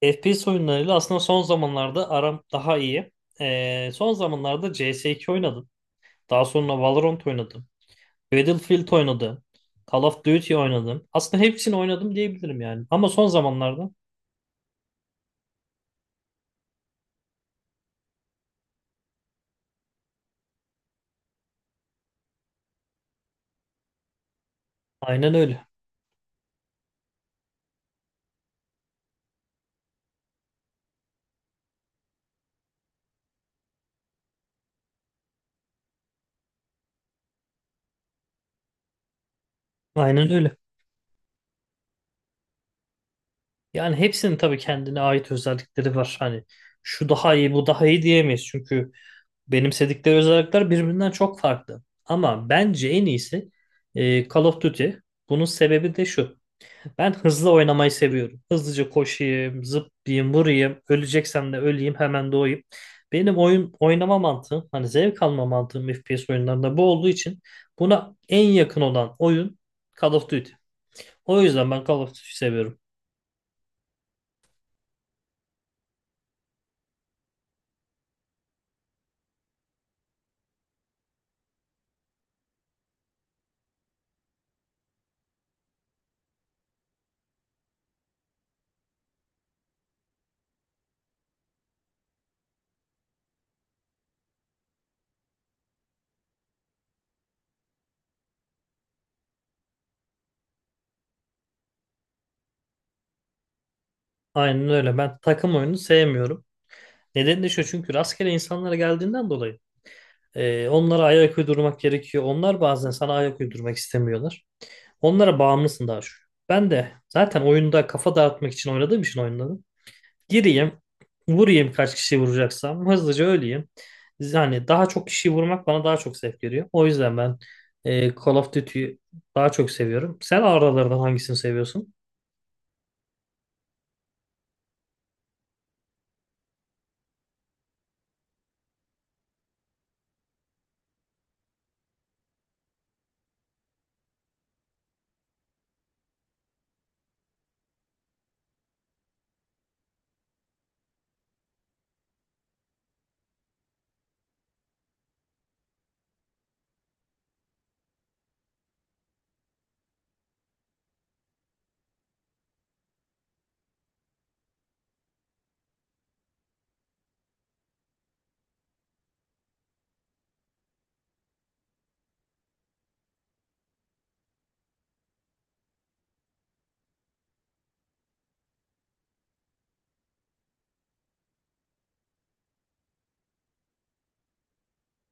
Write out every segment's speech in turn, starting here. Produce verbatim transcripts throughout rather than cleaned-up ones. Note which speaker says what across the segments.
Speaker 1: F P S oyunlarıyla aslında son zamanlarda aram daha iyi. Ee, son zamanlarda C S iki oynadım. Daha sonra Valorant oynadım. Battlefield oynadım. Call of Duty oynadım. Aslında hepsini oynadım diyebilirim yani. Ama son zamanlarda aynen öyle. Aynen öyle. Yani hepsinin tabii kendine ait özellikleri var. Hani şu daha iyi, bu daha iyi diyemeyiz. Çünkü benimsedikleri özellikler birbirinden çok farklı. Ama bence en iyisi e, Call of Duty. Bunun sebebi de şu. Ben hızlı oynamayı seviyorum. Hızlıca koşayım, zıplayayım, vurayım. Öleceksem de öleyim, hemen doğayım. Benim oyun oynama mantığım, hani zevk alma mantığım F P S oyunlarında bu olduğu için buna en yakın olan oyun Call of Duty. O yüzden ben Call of Duty seviyorum. Aynen öyle. Ben takım oyunu sevmiyorum. Nedeni de şu, çünkü rastgele insanlara geldiğinden dolayı e, onlara ayak uydurmak gerekiyor. Onlar bazen sana ayak uydurmak istemiyorlar. Onlara bağımlısın daha şu. Ben de zaten oyunda kafa dağıtmak için oynadığım için oyunları. Gireyim, vurayım kaç kişi vuracaksam, hızlıca öleyim. Yani daha çok kişiyi vurmak bana daha çok zevk veriyor. O yüzden ben e, Call of Duty'yi daha çok seviyorum. Sen aralardan hangisini seviyorsun?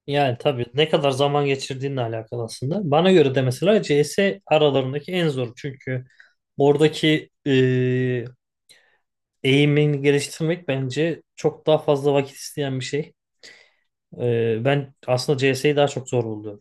Speaker 1: Yani tabii ne kadar zaman geçirdiğinle alakalı aslında. Bana göre de mesela C S aralarındaki en zoru. Çünkü oradaki e, eğimini geliştirmek bence çok daha fazla vakit isteyen bir şey. E, ben aslında C S'yi daha çok zor buldum.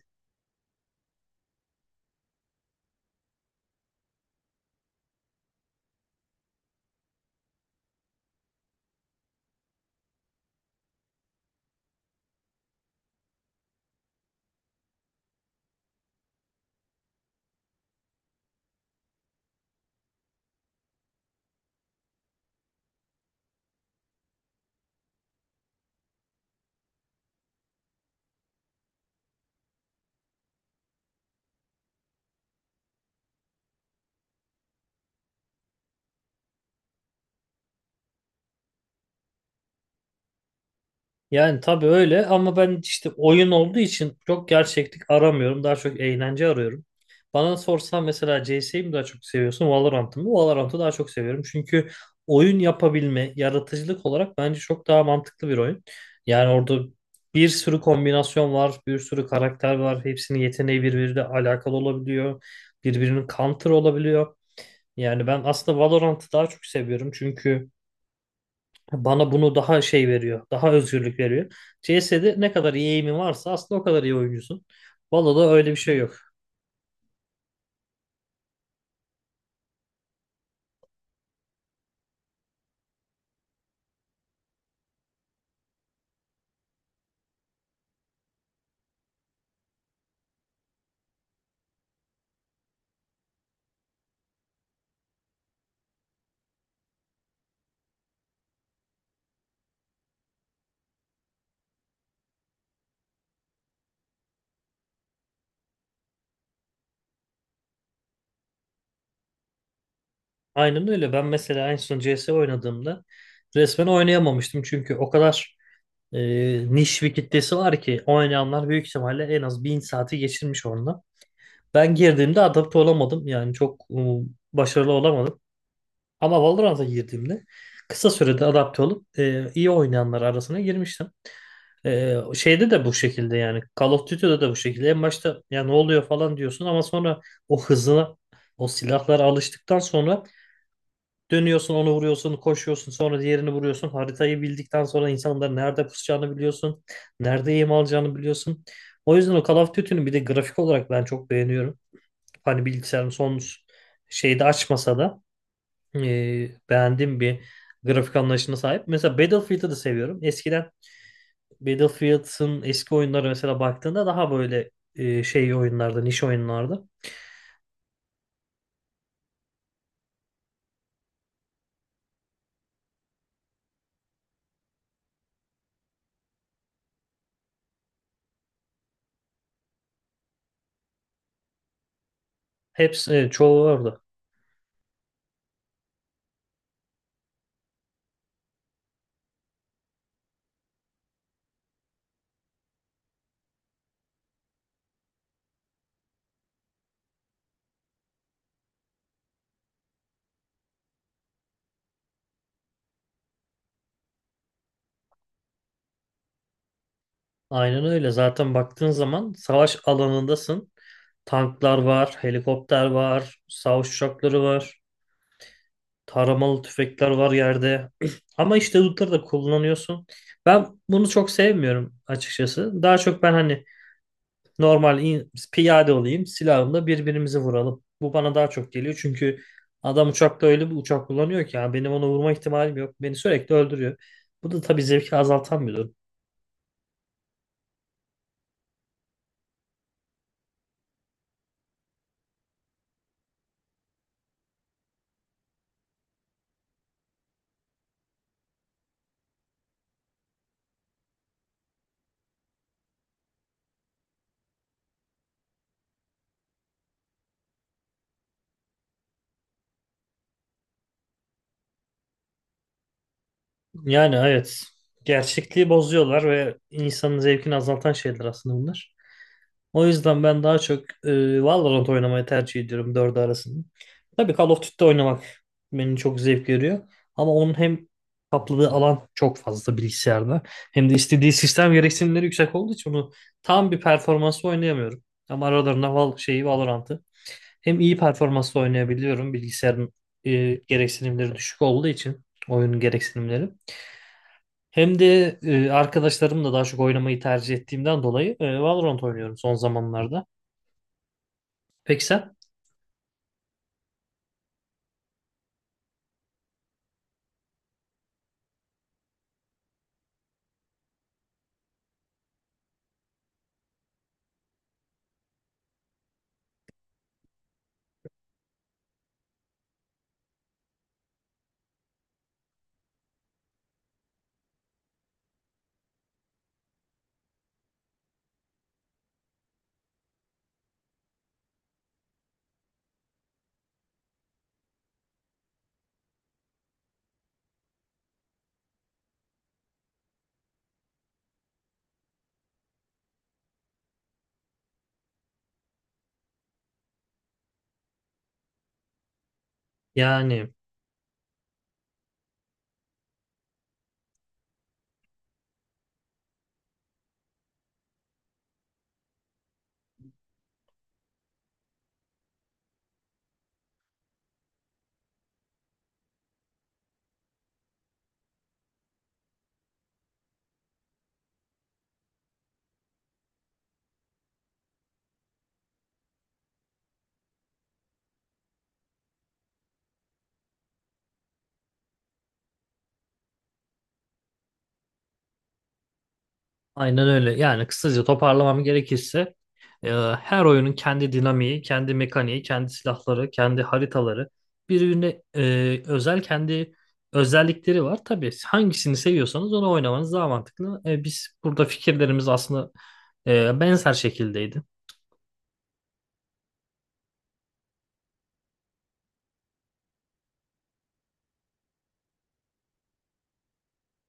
Speaker 1: Yani tabii öyle, ama ben işte oyun olduğu için çok gerçeklik aramıyorum. Daha çok eğlence arıyorum. Bana sorsan mesela C S'yi mi daha çok seviyorsun, Valorant'ı mı? Valorant'ı daha çok seviyorum. Çünkü oyun yapabilme, yaratıcılık olarak bence çok daha mantıklı bir oyun. Yani orada bir sürü kombinasyon var, bir sürü karakter var. Hepsinin yeteneği birbiriyle alakalı olabiliyor. Birbirinin counter olabiliyor. Yani ben aslında Valorant'ı daha çok seviyorum. Çünkü bana bunu daha şey veriyor. Daha özgürlük veriyor. C S'de ne kadar iyi eğimin varsa aslında o kadar iyi oyuncusun. Valo'da öyle bir şey yok. Aynen öyle. Ben mesela en son C S oynadığımda resmen oynayamamıştım. Çünkü o kadar e, niş bir kitlesi var ki oynayanlar büyük ihtimalle en az bin saati geçirmiş onunla. Ben girdiğimde adapte olamadım. Yani çok e, başarılı olamadım. Ama Valorant'a girdiğimde kısa sürede adapte olup e, iyi oynayanlar arasına girmiştim. Ee, şeyde de bu şekilde yani, Call of Duty'de de bu şekilde. En başta ya ne oluyor falan diyorsun ama sonra o hızına, o silahlara alıştıktan sonra dönüyorsun onu vuruyorsun, koşuyorsun sonra diğerini vuruyorsun. Haritayı bildikten sonra insanların nerede pusacağını biliyorsun. Nerede yem alacağını biliyorsun. O yüzden o Call of Duty'nin bir de grafik olarak ben çok beğeniyorum. Hani bilgisayarın son şeyde açmasa da e, beğendiğim bir grafik anlayışına sahip. Mesela Battlefield'ı da seviyorum. Eskiden Battlefield'ın eski oyunları mesela baktığında daha böyle e, şey oyunlarda, niş oyunlarda. Hepsi, evet, çoğu orada. Aynen öyle. Zaten baktığın zaman savaş alanındasın. Tanklar var, helikopter var, savaş uçakları var, taramalı tüfekler var yerde. Ama işte bunları da kullanıyorsun. Ben bunu çok sevmiyorum açıkçası. Daha çok ben hani normal in- piyade olayım, silahımla birbirimizi vuralım. Bu bana daha çok geliyor, çünkü adam uçakta öyle bir uçak kullanıyor ki ya benim ona vurma ihtimalim yok. Beni sürekli öldürüyor. Bu da tabii zevki azaltan bir durum. Yani evet, gerçekliği bozuyorlar ve insanın zevkini azaltan şeyler aslında bunlar. O yüzden ben daha çok e, Valorant oynamayı tercih ediyorum dördü arasında. Tabii Call of Duty oynamak beni çok zevk veriyor. Ama onun hem kapladığı alan çok fazla bilgisayarda, hem de istediği sistem gereksinimleri yüksek olduğu için onu tam bir performansla oynayamıyorum. Ama aralarında Val şeyi Valorant'ı hem iyi performansla oynayabiliyorum bilgisayarın, e, gereksinimleri düşük olduğu için oyunun gereksinimleri. Hem de e, arkadaşlarımla daha çok oynamayı tercih ettiğimden dolayı e, Valorant oynuyorum son zamanlarda. Peki sen? Yani aynen öyle. Yani kısaca toparlamam gerekirse e, her oyunun kendi dinamiği, kendi mekaniği, kendi silahları, kendi haritaları, birbirine e, özel kendi özellikleri var. Tabii hangisini seviyorsanız onu oynamanız daha mantıklı. E, biz burada fikirlerimiz aslında e, benzer şekildeydi.